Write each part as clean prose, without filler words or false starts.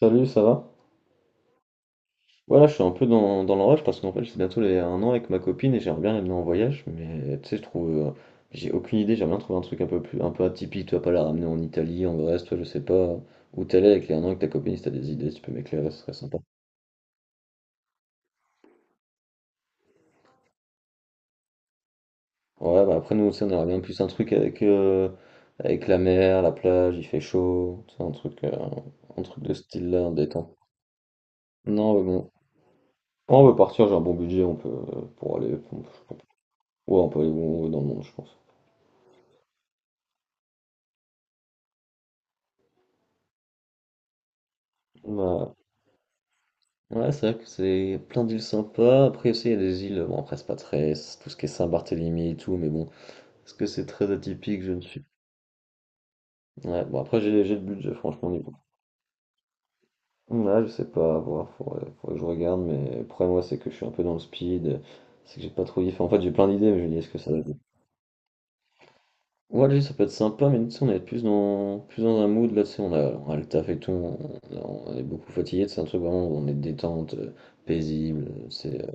Salut, ça va? Voilà, je suis un peu dans le parce qu'en fait, c'est bientôt les un an avec ma copine et j'aimerais bien l'amener en voyage, mais tu sais, je trouve. J'ai aucune idée, j'aimerais bien trouver un truc un peu plus un peu atypique, tu vas pas la ramener en Italie, en Grèce, toi, je sais pas où t'es allé avec les un an avec ta copine, si t'as des idées, si tu peux m'éclairer, ce serait sympa. Ouais, bah après, nous aussi, on aimerait bien plus un truc avec, avec la mer, la plage, il fait chaud, tu sais, un truc de style là, détente. Non, mais bon. On veut partir, j'ai un bon budget, on peut pour aller. Ouais, on peut aller où on veut dans le monde, je pense. Bah ouais, c'est vrai que c'est plein d'îles sympas. Après aussi, il y a des îles, bon après c'est pas très, c'est tout ce qui est Saint-Barthélemy et tout, mais bon, est-ce que c'est très atypique, je ne suis. Ouais, bon après j'ai le budget, franchement, niveau. Ouais, je sais pas, à voir, faudrait que je regarde, mais le problème, moi, c'est que je suis un peu dans le speed, c'est que j'ai pas trop d'idées. Enfin, en fait, j'ai plein d'idées, mais je me dis, est-ce que ça va être... Ouais, lui, ça peut être sympa, mais nous, tu sais, on est plus dans un mood, là, tu sais, on a le taf et tout, on est beaucoup fatigué, c'est un truc vraiment, où on est détente, paisible, c'est...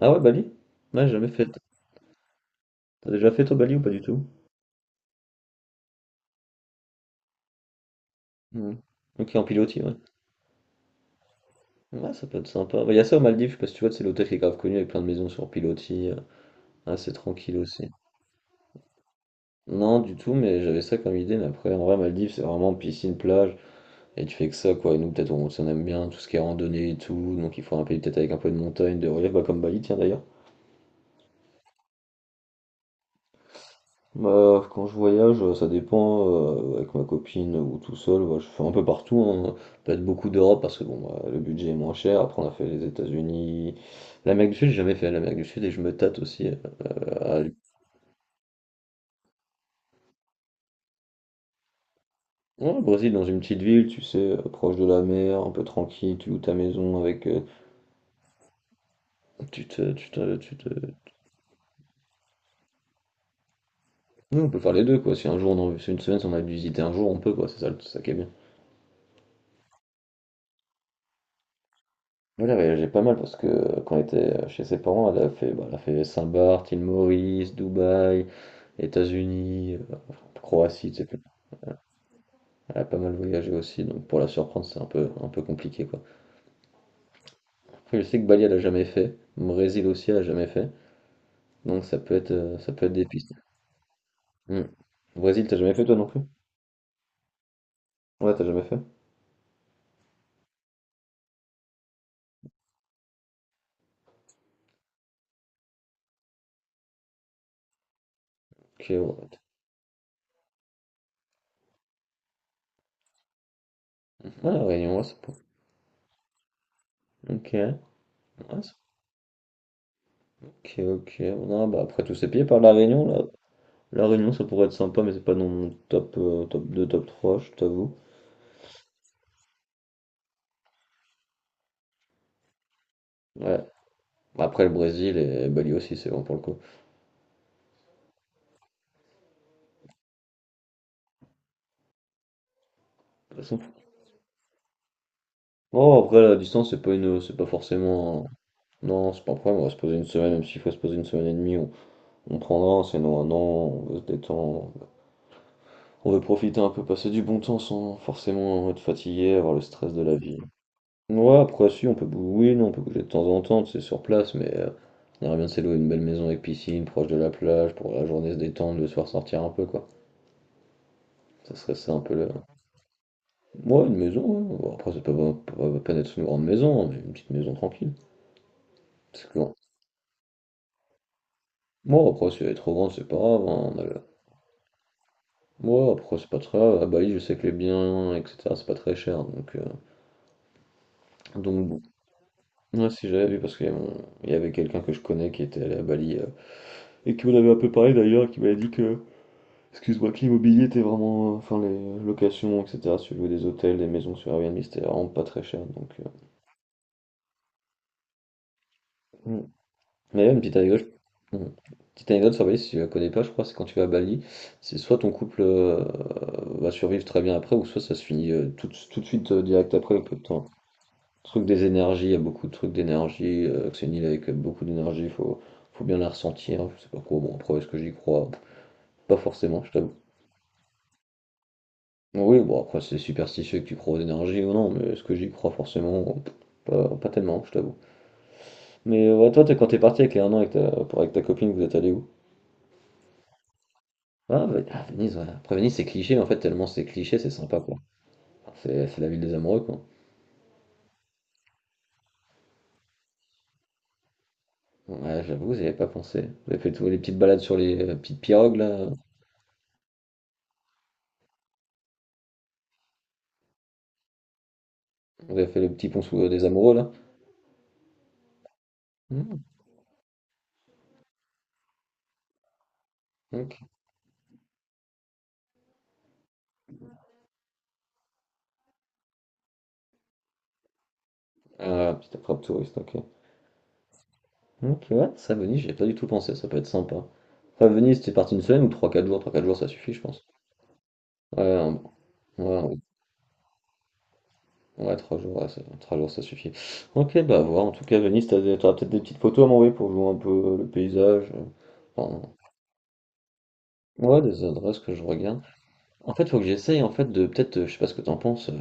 Ah ouais, Bali? Ouais, j'ai jamais fait. T'as déjà fait toi Bali ou pas du tout? Mhm. Ok, en pilotis, ouais. Ouais, ça peut être sympa. Bah, il y a ça aux Maldives, je sais pas si tu vois, c'est l'hôtel qui est grave connu avec plein de maisons sur pilotis, assez tranquille aussi. Non, du tout, mais j'avais ça comme idée, mais après, en vrai, Maldives, c'est vraiment piscine, plage, et tu fais que ça, quoi. Et nous, peut-être, si on aime bien tout ce qui est randonnée et tout, donc il faut un pays peut-être avec un peu de montagne, de relief, bah, comme Bali, tiens d'ailleurs. Bah, quand je voyage, ça dépend, avec ma copine ou tout seul, bah, je fais un peu partout, hein. Peut-être beaucoup d'Europe parce que bon, bah, le budget est moins cher. Après, on a fait les États-Unis, l'Amérique du Sud, j'ai jamais fait l'Amérique du Sud et je me tâte aussi à... aller- ouais, au Brésil, dans une petite ville, tu sais, proche de la mer, un peu tranquille, tu loues ta maison avec, Ouais, on peut faire les deux quoi. Si un jour, on a... si une semaine, si on a visité un jour, on peut quoi. C'est ça, c'est ça qui est bien. Oui, elle a voyagé pas mal parce que quand elle était chez ses parents, elle a fait Saint-Barth, île Maurice, Dubaï, États-Unis, Croatie, etc. Elle a pas mal voyagé aussi, donc pour la surprendre, c'est un peu compliqué quoi. Après, je sais que Bali, elle a jamais fait. Brésil aussi, elle a jamais fait. Donc ça peut être des pistes. Hmm. Brésil, t'as jamais fait toi non plus? Ouais, t'as jamais fait? Ok, ouais. Ah, la Réunion, ouais, c'est pas... Ok, ouais, c'est- ok, ok. Non, bah après tous ces pays, par la Réunion, là, la Réunion, ça pourrait être sympa, mais c'est pas dans mon top, top 2, top 3, je t'avoue. Ouais. Après, le Brésil et Bali aussi, c'est bon pour le coup. De toute façon, oh, après, la distance, c'est pas une, c'est pas forcément. Non, c'est pas un problème, on va se poser une semaine, même s'il faut se poser une semaine et demie, on prendra, sinon un an, on veut se détendre, on veut profiter un peu, passer du bon temps sans forcément être fatigué, avoir le stress de la vie. Ouais, après, si, on peut bouger oui, non, on peut bouger de temps en temps, tu sais, sur place, mais on aimerait bien se louer une belle maison avec piscine, proche de la plage, pour la journée se détendre, le soir sortir un peu, quoi. Ça serait ça un peu le moi une maison, ouais, bon, après, c'est pas la d'être une grande maison, hein, mais une petite maison tranquille. Parce que moi, après, si elle est trop grande, c'est pas grave, hein, on a le ouais, après, c'est pas très grave. À Bali, je sais que les biens, et cetera, c'est pas très cher, donc bon. Ouais, si, j'avais vu, parce qu'il y a mon il y avait quelqu'un que je connais qui était allé à Bali, et qui m'en avait un peu parlé, d'ailleurs, qui m'avait dit que excuse-moi, que l'immobilier était vraiment, enfin les locations, etc. Si tu louais des hôtels, des maisons sur Airbnb, c'était vraiment pas très cher. Donc, euh, mm. Mais une petite anecdote, mm. petite anecdote sur Bali, si tu la connais pas, je crois, c'est quand tu vas à Bali, c'est soit ton couple va survivre très bien après, ou soit ça se finit tout, tout de suite direct après, peu de temps. Truc des énergies, il y a beaucoup de trucs d'énergie. Que c'est une île avec beaucoup d'énergie, faut bien la ressentir. Je sais pas quoi. Bon, après, est-ce que j'y crois? Pas forcément, je t'avoue. Oui, bon après c'est superstitieux que tu crois aux énergies ou non, mais est-ce que j'y crois forcément? Pff, Pas tellement, je t'avoue. Mais ouais, toi, quand t'es parti avec les un an avec avec ta copine, vous êtes allé où? Ah, Venise, ouais. Après Venise, c'est cliché, mais en fait, tellement c'est cliché, c'est sympa, quoi. C'est la ville des amoureux, quoi. Ouais, j'avoue, j'y avais pas pensé. Vous avez fait toutes les petites balades sur les petites pirogues, là. Vous avez fait le petit pont sous, des amoureux, là. Mhm. Ok. Ah, petite attrape touriste, ok. Ok, ouais, ça, Venise, j'y ai pas du tout pensé, ça peut être sympa. Enfin, Venise, t'es parti une semaine ou trois quatre jours? Trois quatre jours, ça suffit, je pense. Ouais, ouais, ouais, trois jours, ouais, ça, trois jours, ça suffit. Ok, bah à voir. En tout cas, Venise, t'auras peut-être des petites photos à m'envoyer pour jouer un peu le paysage. Enfin, ouais, des adresses que je regarde. En fait, faut que j'essaye, en fait, de peut-être, je sais pas ce que t'en penses,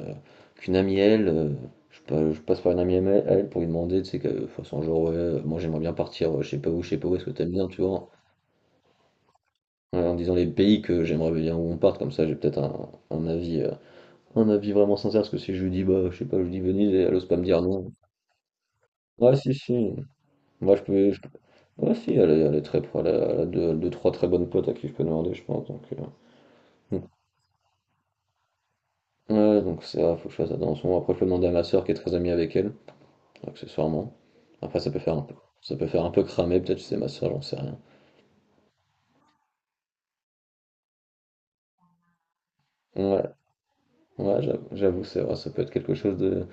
qu'une amie, elle, je passe par une amie à elle pour lui demander, tu sais, que, de toute façon, genre, ouais, moi j'aimerais bien partir, je sais pas où, je sais pas où, est-ce que t'aimes bien, tu vois, ouais, en disant les pays que j'aimerais bien où on parte, comme ça, j'ai peut-être un avis, un avis vraiment sincère, parce que si je lui dis, bah, je sais pas, je lui dis Venise, elle ose pas me dire non. Ah si si, moi je peux... Ah si, elle est très pro, elle a deux, deux, trois très bonnes potes à qui je peux demander, je pense. Donc, donc- ouais, donc ça, faut que je fasse attention. Après, je peux demander à ma soeur qui est très amie avec elle, accessoirement. Après, ça peut faire un peu, ça peut faire un peu cramer, peut-être c'est ma soeur, j'en sais rien. Ouais, ouais, j'avoue, c'est vrai, ça peut être quelque chose de,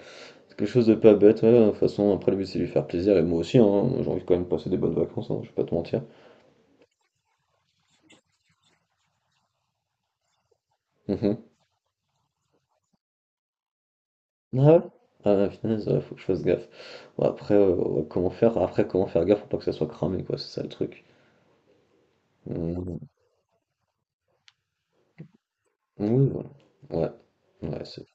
quelque chose de pas bête. Ouais, de toute façon, après le but c'est lui faire plaisir et moi aussi, hein, moi, j'ai envie quand même de passer des bonnes vacances, hein, je vais pas te mentir. Mhm. Ah ouais? Ah la punaise, ouais, faut que je fasse gaffe. Bon, après, ouais, comment faire? Après, comment faire gaffe pour pas que ça soit cramé, quoi, c'est ça le truc. Mhm. Oui, voilà. Ouais, ouais, c'est.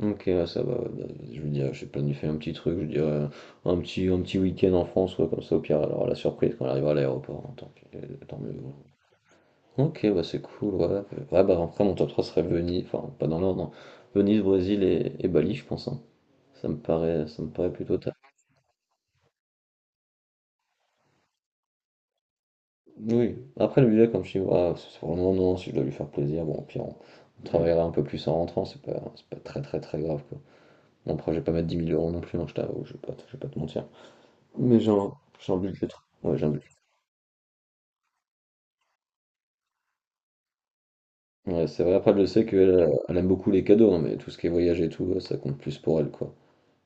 Ok, ouais, ça va. Ouais, bah, je veux dire, j'ai planifié un petit truc, je dirais un petit week-end en France, ouais, comme ça, au pire, elle aura la surprise quand elle arrivera à l'aéroport, hein, tant pis, tant mieux. Ouais. Ok, bah c'est cool, ouais. Ouais, bah après, mon top 3 serait Venise, enfin, pas dans l'ordre, hein. Venise, Brésil et Bali, je pense, hein. Ça me paraît plutôt. Oui, après le budget, comme je dis, voilà, c'est vraiment non, si je dois lui faire plaisir, bon, au pire, on travaillera un peu plus en rentrant, c'est pas, très très très grave quoi. Bon, après, je vais pas mettre 10 000 € non plus, non je t'avoue, je vais pas te mentir. Mais j'ai un budget. Ouais, j'ai un budget. Ouais, c'est vrai, après, je sais qu'elle elle aime beaucoup les cadeaux, hein, mais tout ce qui est voyage et tout, ça compte plus pour elle quoi.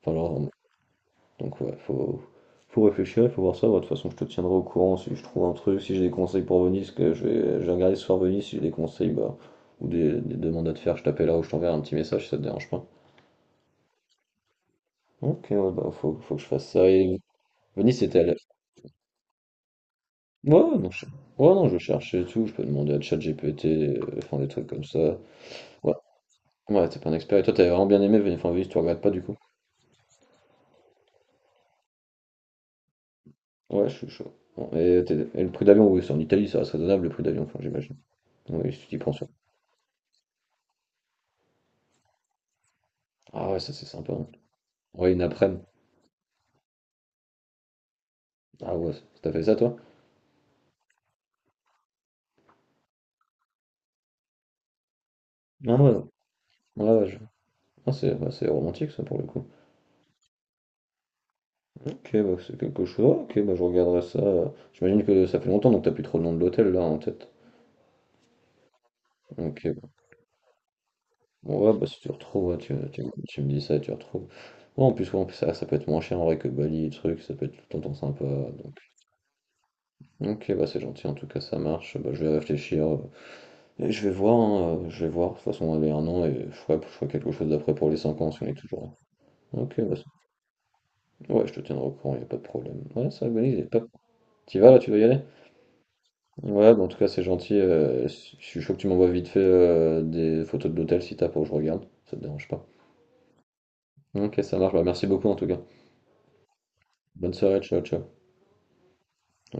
Enfin, genre, donc ouais, faut réfléchir, il faut voir ça. Bah, de toute façon, je te tiendrai au courant si je trouve un truc, si j'ai des conseils pour Venise, que je vais regarder ce soir Venise, si j'ai des conseils bah, ou des demandes à te faire, je t'appellerai ou je t'enverrai un petit message si ça te dérange pas. Ok, ouais, bah faut que je fasse ça. Et Venise, c'était à la... Ouais, non, je... ouais, non, je cherchais et tout, je peux demander à ChatGPT, enfin des trucs comme ça. Ouais, ouais, t'es pas un expert. Et toi, t'avais vraiment bien aimé Venise, enfin, Venise, tu regrettes pas du coup? Ouais, je suis chaud. Bon, et le prix d'avion, oui, c'est en Italie, ça reste raisonnable le prix d'avion, enfin, j'imagine. Oui, si tu y penses. Ah ouais, ça c'est sympa. Hein. Ouais, une après-midi. Ah ouais, t'as fait ça toi? Ah ouais, non. Ouais, ouais, ah, c'est bah, c'est romantique ça pour le coup. Ok, bah, c'est quelque chose. Ah, Ok, bah, je regarderai ça. J'imagine que ça fait longtemps donc t'as plus trop le nom de l'hôtel là en tête. Ok, bon, ouais, bah si tu retrouves, ouais, tu me dis ça et tu retrouves. Ouais, en plus ça peut être moins cher en vrai que Bali truc ça peut être tout le temps sympa. Donc... Ok, bah c'est gentil en tout cas, ça marche. Bah, je vais réfléchir et je vais voir, hein, je vais voir. De toute façon, on avait un an et je ferai quelque chose d'après pour les 5 ans si on est toujours là. Ok, bah, ouais, je te tiendrai au courant, y a pas de problème. Ouais, c'est vrai, bonne idée. Top. T'y vas là, tu dois y aller? Ouais, bon, en tout cas, c'est gentil. Je suis chaud que tu m'envoies vite fait des photos de l'hôtel si t'as pour que je regarde. Ça te dérange pas. Ok, ça marche. Bah, merci beaucoup en tout cas. Bonne soirée, ciao, ciao.